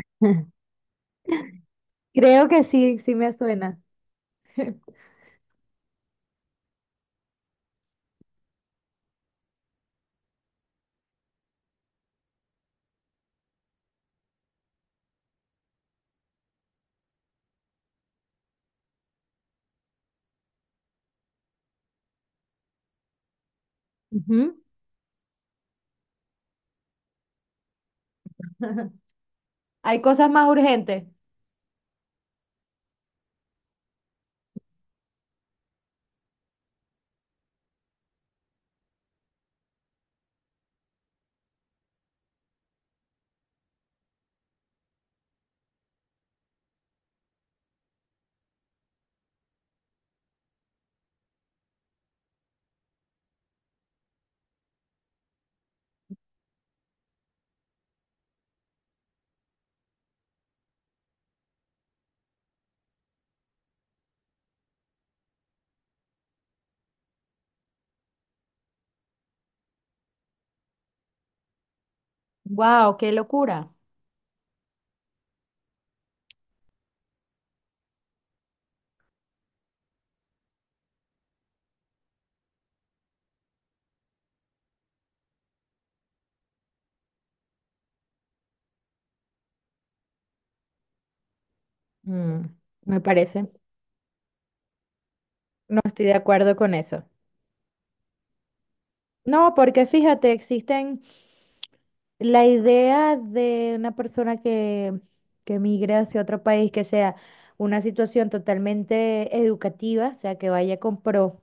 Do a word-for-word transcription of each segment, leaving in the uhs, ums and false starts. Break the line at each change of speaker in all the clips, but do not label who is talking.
Creo que sí, sí me suena. Ujú. Hay cosas más urgentes. ¡Wow! ¡Qué locura! Mm, me parece. No estoy de acuerdo con eso. No, porque fíjate, existen la idea de una persona que, que, migre hacia otro país, que sea una situación totalmente educativa, o sea, que vaya con pro.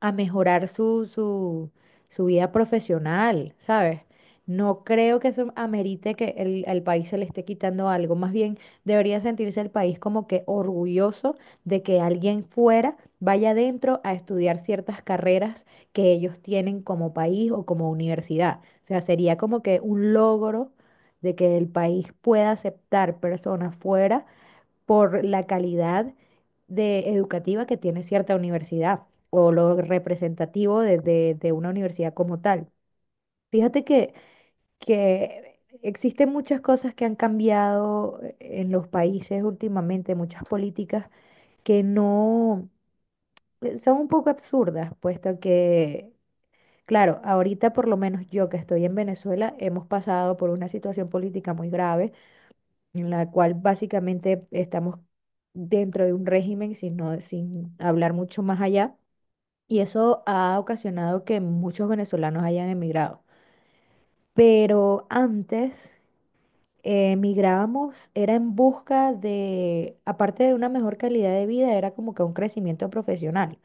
A mejorar su, su, su vida profesional, ¿sabes? No creo que eso amerite que el, al país se le esté quitando algo. Más bien debería sentirse el país como que orgulloso de que alguien fuera vaya adentro a estudiar ciertas carreras que ellos tienen como país o como universidad. O sea, sería como que un logro de que el país pueda aceptar personas fuera por la calidad de educativa que tiene cierta universidad o lo representativo de, de- de una universidad como tal. Fíjate que, que existen muchas cosas que han cambiado en los países últimamente, muchas políticas que no eh, son un poco absurdas, puesto que, claro, ahorita por lo menos yo que estoy en Venezuela, hemos pasado por una situación política muy grave en la cual básicamente estamos dentro de un régimen, sin, no- sin hablar mucho más allá, y eso ha ocasionado que muchos venezolanos hayan emigrado. Pero antes eh, emigrábamos, era en busca de, aparte de una mejor calidad de vida, era como que un crecimiento profesional.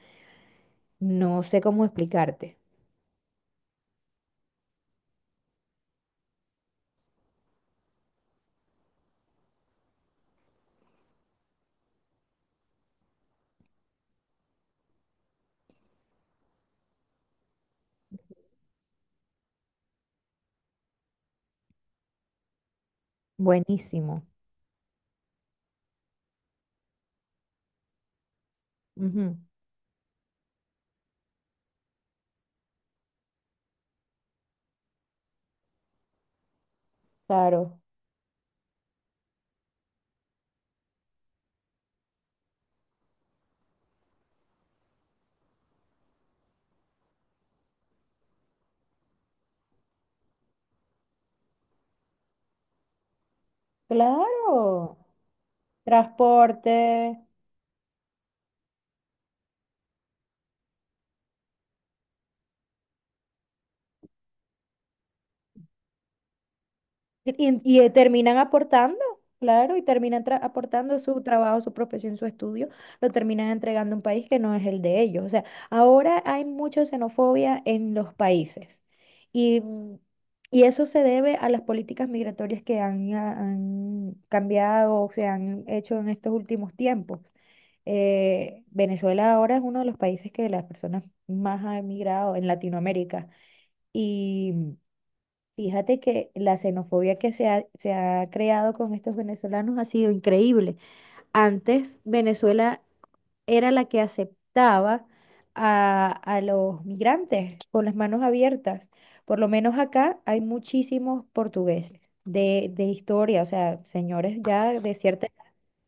No sé cómo explicarte. Buenísimo. Ujú. Claro, claro. Transporte, Y, y, eh, terminan aportando, claro, y terminan tra- aportando su trabajo, su profesión, su estudio, lo terminan entregando a un país que no es el de ellos. O sea, ahora hay mucha xenofobia en los países y, mm, y eso se debe a las políticas migratorias que han, ah, han cambiado o se han hecho en estos últimos tiempos. Eh, Venezuela ahora es uno de los países que las personas más han emigrado en Latinoamérica. Fíjate que la xenofobia que se ha, se ha creado con estos venezolanos ha sido increíble. Antes Venezuela era la que aceptaba a, a los migrantes con las manos abiertas. Por lo menos acá hay muchísimos portugueses de, de historia, o sea, señores ya de cierta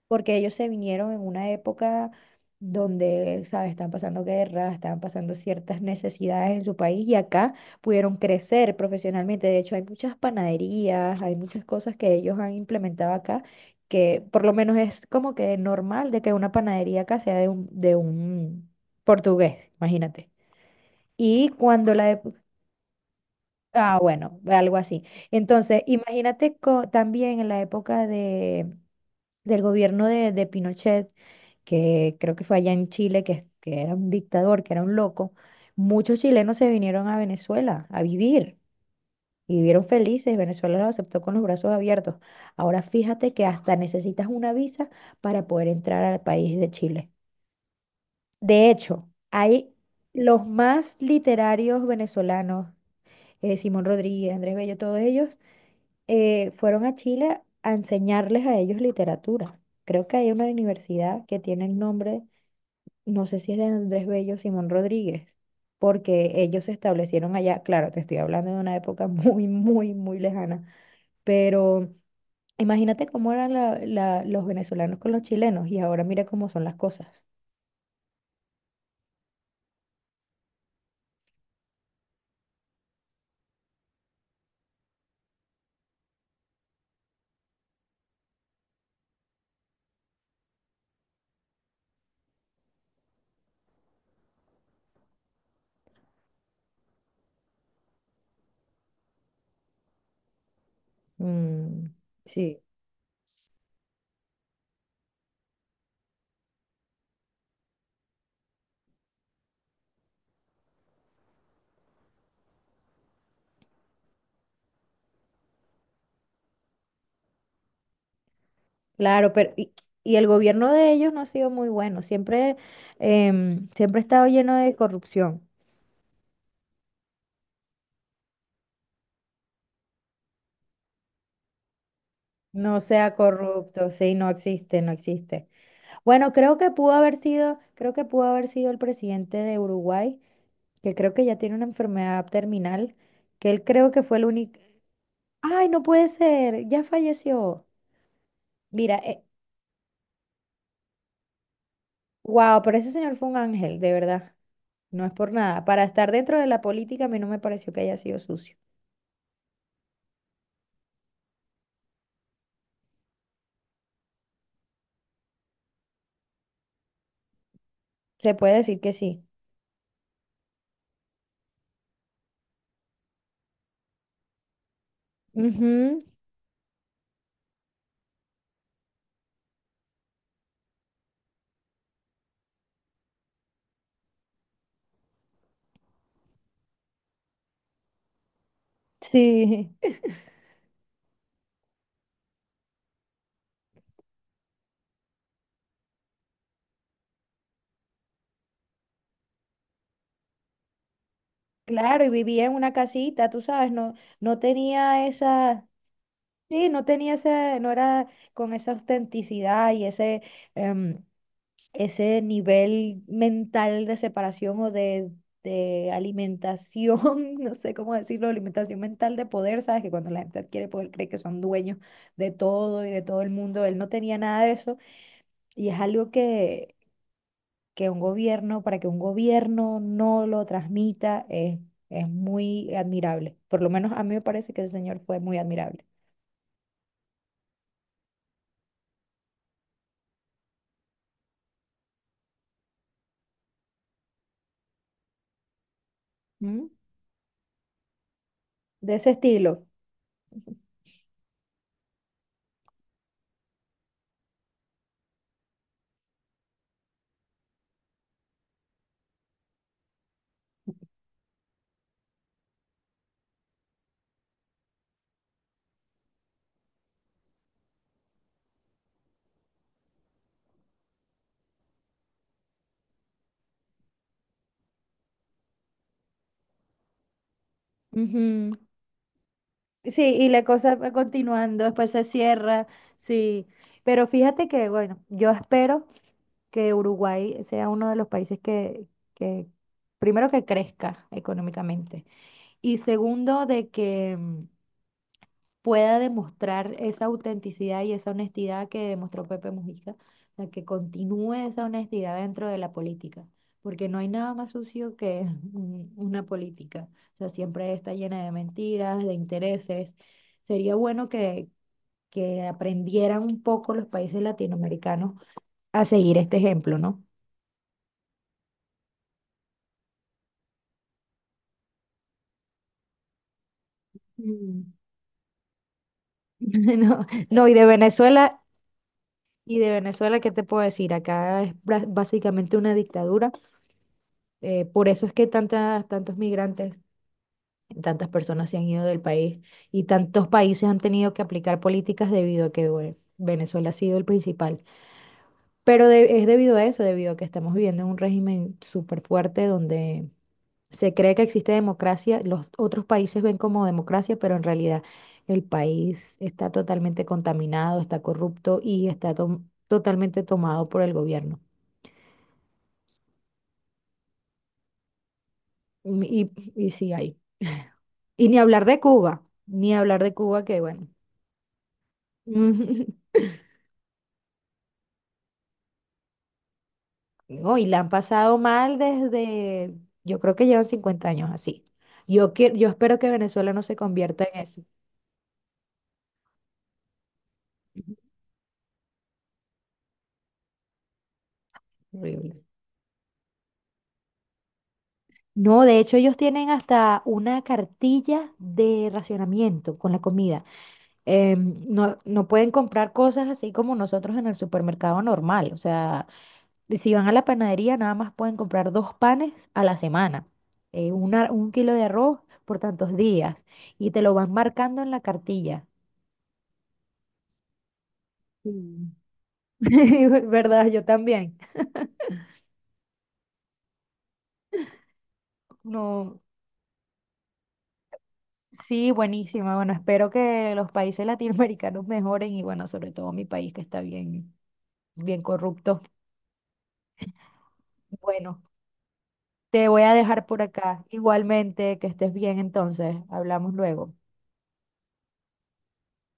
porque ellos se vinieron en una época donde, ¿sabes? Estaban pasando guerras, estaban pasando ciertas necesidades en su país y acá pudieron crecer profesionalmente. De hecho, hay muchas panaderías, hay muchas cosas que ellos han implementado acá, que por lo menos es como que normal de que una panadería acá sea de un, de un portugués, imagínate. Y cuando la... ep- Ah, bueno, algo así. Entonces, imagínate co- también en la época de, del gobierno de, de Pinochet, que creo que fue allá en Chile, que, que era un dictador, que era un loco, muchos chilenos se vinieron a Venezuela a vivir y vivieron felices. Venezuela los aceptó con los brazos abiertos. Ahora fíjate que hasta necesitas una visa para poder entrar al país de Chile. De hecho, hay los más literarios venezolanos, eh, Simón Rodríguez, Andrés Bello, todos ellos, eh, fueron a Chile a enseñarles a ellos literatura. Creo que hay una universidad que tiene el nombre no sé si es de Andrés Bello o Simón Rodríguez, porque ellos se establecieron allá, claro, te estoy hablando de una época muy, muy, muy lejana, pero imagínate cómo eran la- la- los venezolanos con los chilenos y ahora mira cómo son las cosas. Mm, sí, claro, pero y, y el gobierno de ellos no ha sido muy bueno, siempre, em, siempre ha estado lleno de corrupción. No sea corrupto, sí, no existe, no existe. Bueno, creo que pudo haber sido, creo que pudo haber sido el presidente de Uruguay, que creo que ya tiene una enfermedad terminal, que él creo que fue el único. ¡Ay, no puede ser! Ya falleció. Mira, wow, pero ese señor fue un ángel, de verdad. No es por nada. Para estar dentro de la política, a mí no me pareció que haya sido sucio. Se puede decir que sí. Ujú. Sí. Claro, y vivía en una casita, tú sabes, no, no tenía esa, sí, no tenía ese, no era con esa autenticidad y ese, em, ese nivel mental de separación o de, de alimentación, no sé cómo decirlo, alimentación mental de poder, ¿sabes? Que cuando la gente adquiere poder cree que son dueños de todo y de todo el mundo, él no tenía nada de eso y es algo que, que un gobierno, para que un gobierno no lo transmita, es, es muy admirable. Por lo menos a mí me parece que ese señor fue muy admirable. ¿Mm? De ese estilo. Ujú. Sí, y la cosa va continuando, después se cierra, sí. Pero fíjate que, bueno, yo espero que Uruguay sea uno de los países que, que primero que crezca económicamente y segundo de que mm, pueda demostrar esa autenticidad y esa honestidad que demostró Pepe Mujica, o sea, que continúe esa honestidad dentro de la política, porque no hay nada más sucio que un- una política, o sea, siempre está llena de mentiras, de intereses. Sería bueno que, que aprendieran un poco los países latinoamericanos a seguir este ejemplo, ¿no? Mm. No, no, y de Venezuela, y de Venezuela, ¿qué te puedo decir? Acá es bra- básicamente una dictadura. Eh, por eso es que tantas, tantos migrantes, tantas personas se han ido del país y tantos países han tenido que aplicar políticas debido a que, bueno, Venezuela ha sido el principal. Pero de- es debido a eso, debido a que estamos viviendo en un régimen súper fuerte donde se cree que existe democracia, los otros países ven como democracia, pero en realidad el país está totalmente contaminado, está corrupto y está to- totalmente tomado por el gobierno. Y, y y sí hay. Y ni hablar de Cuba, ni hablar de Cuba, que bueno, Ujú. No, y la han pasado mal desde, yo creo que llevan cincuenta años así. Yo, que, yo espero que Venezuela no se convierta en eso. Horrible. No, de hecho ellos tienen hasta una cartilla de racionamiento con la comida. Em, no, no pueden comprar cosas así como nosotros en el supermercado normal. O sea, si van a la panadería nada más pueden comprar dos panes a la semana, eh, una- un kilo de arroz por tantos días y te lo van marcando en la cartilla. Sí. ¿Verdad? Yo también. No, sí, buenísima. Bueno, espero que los países latinoamericanos mejoren y bueno, sobre todo mi país que está bien, bien corrupto. Bueno, te voy a dejar por acá. Igualmente, que estés bien entonces. Hablamos luego.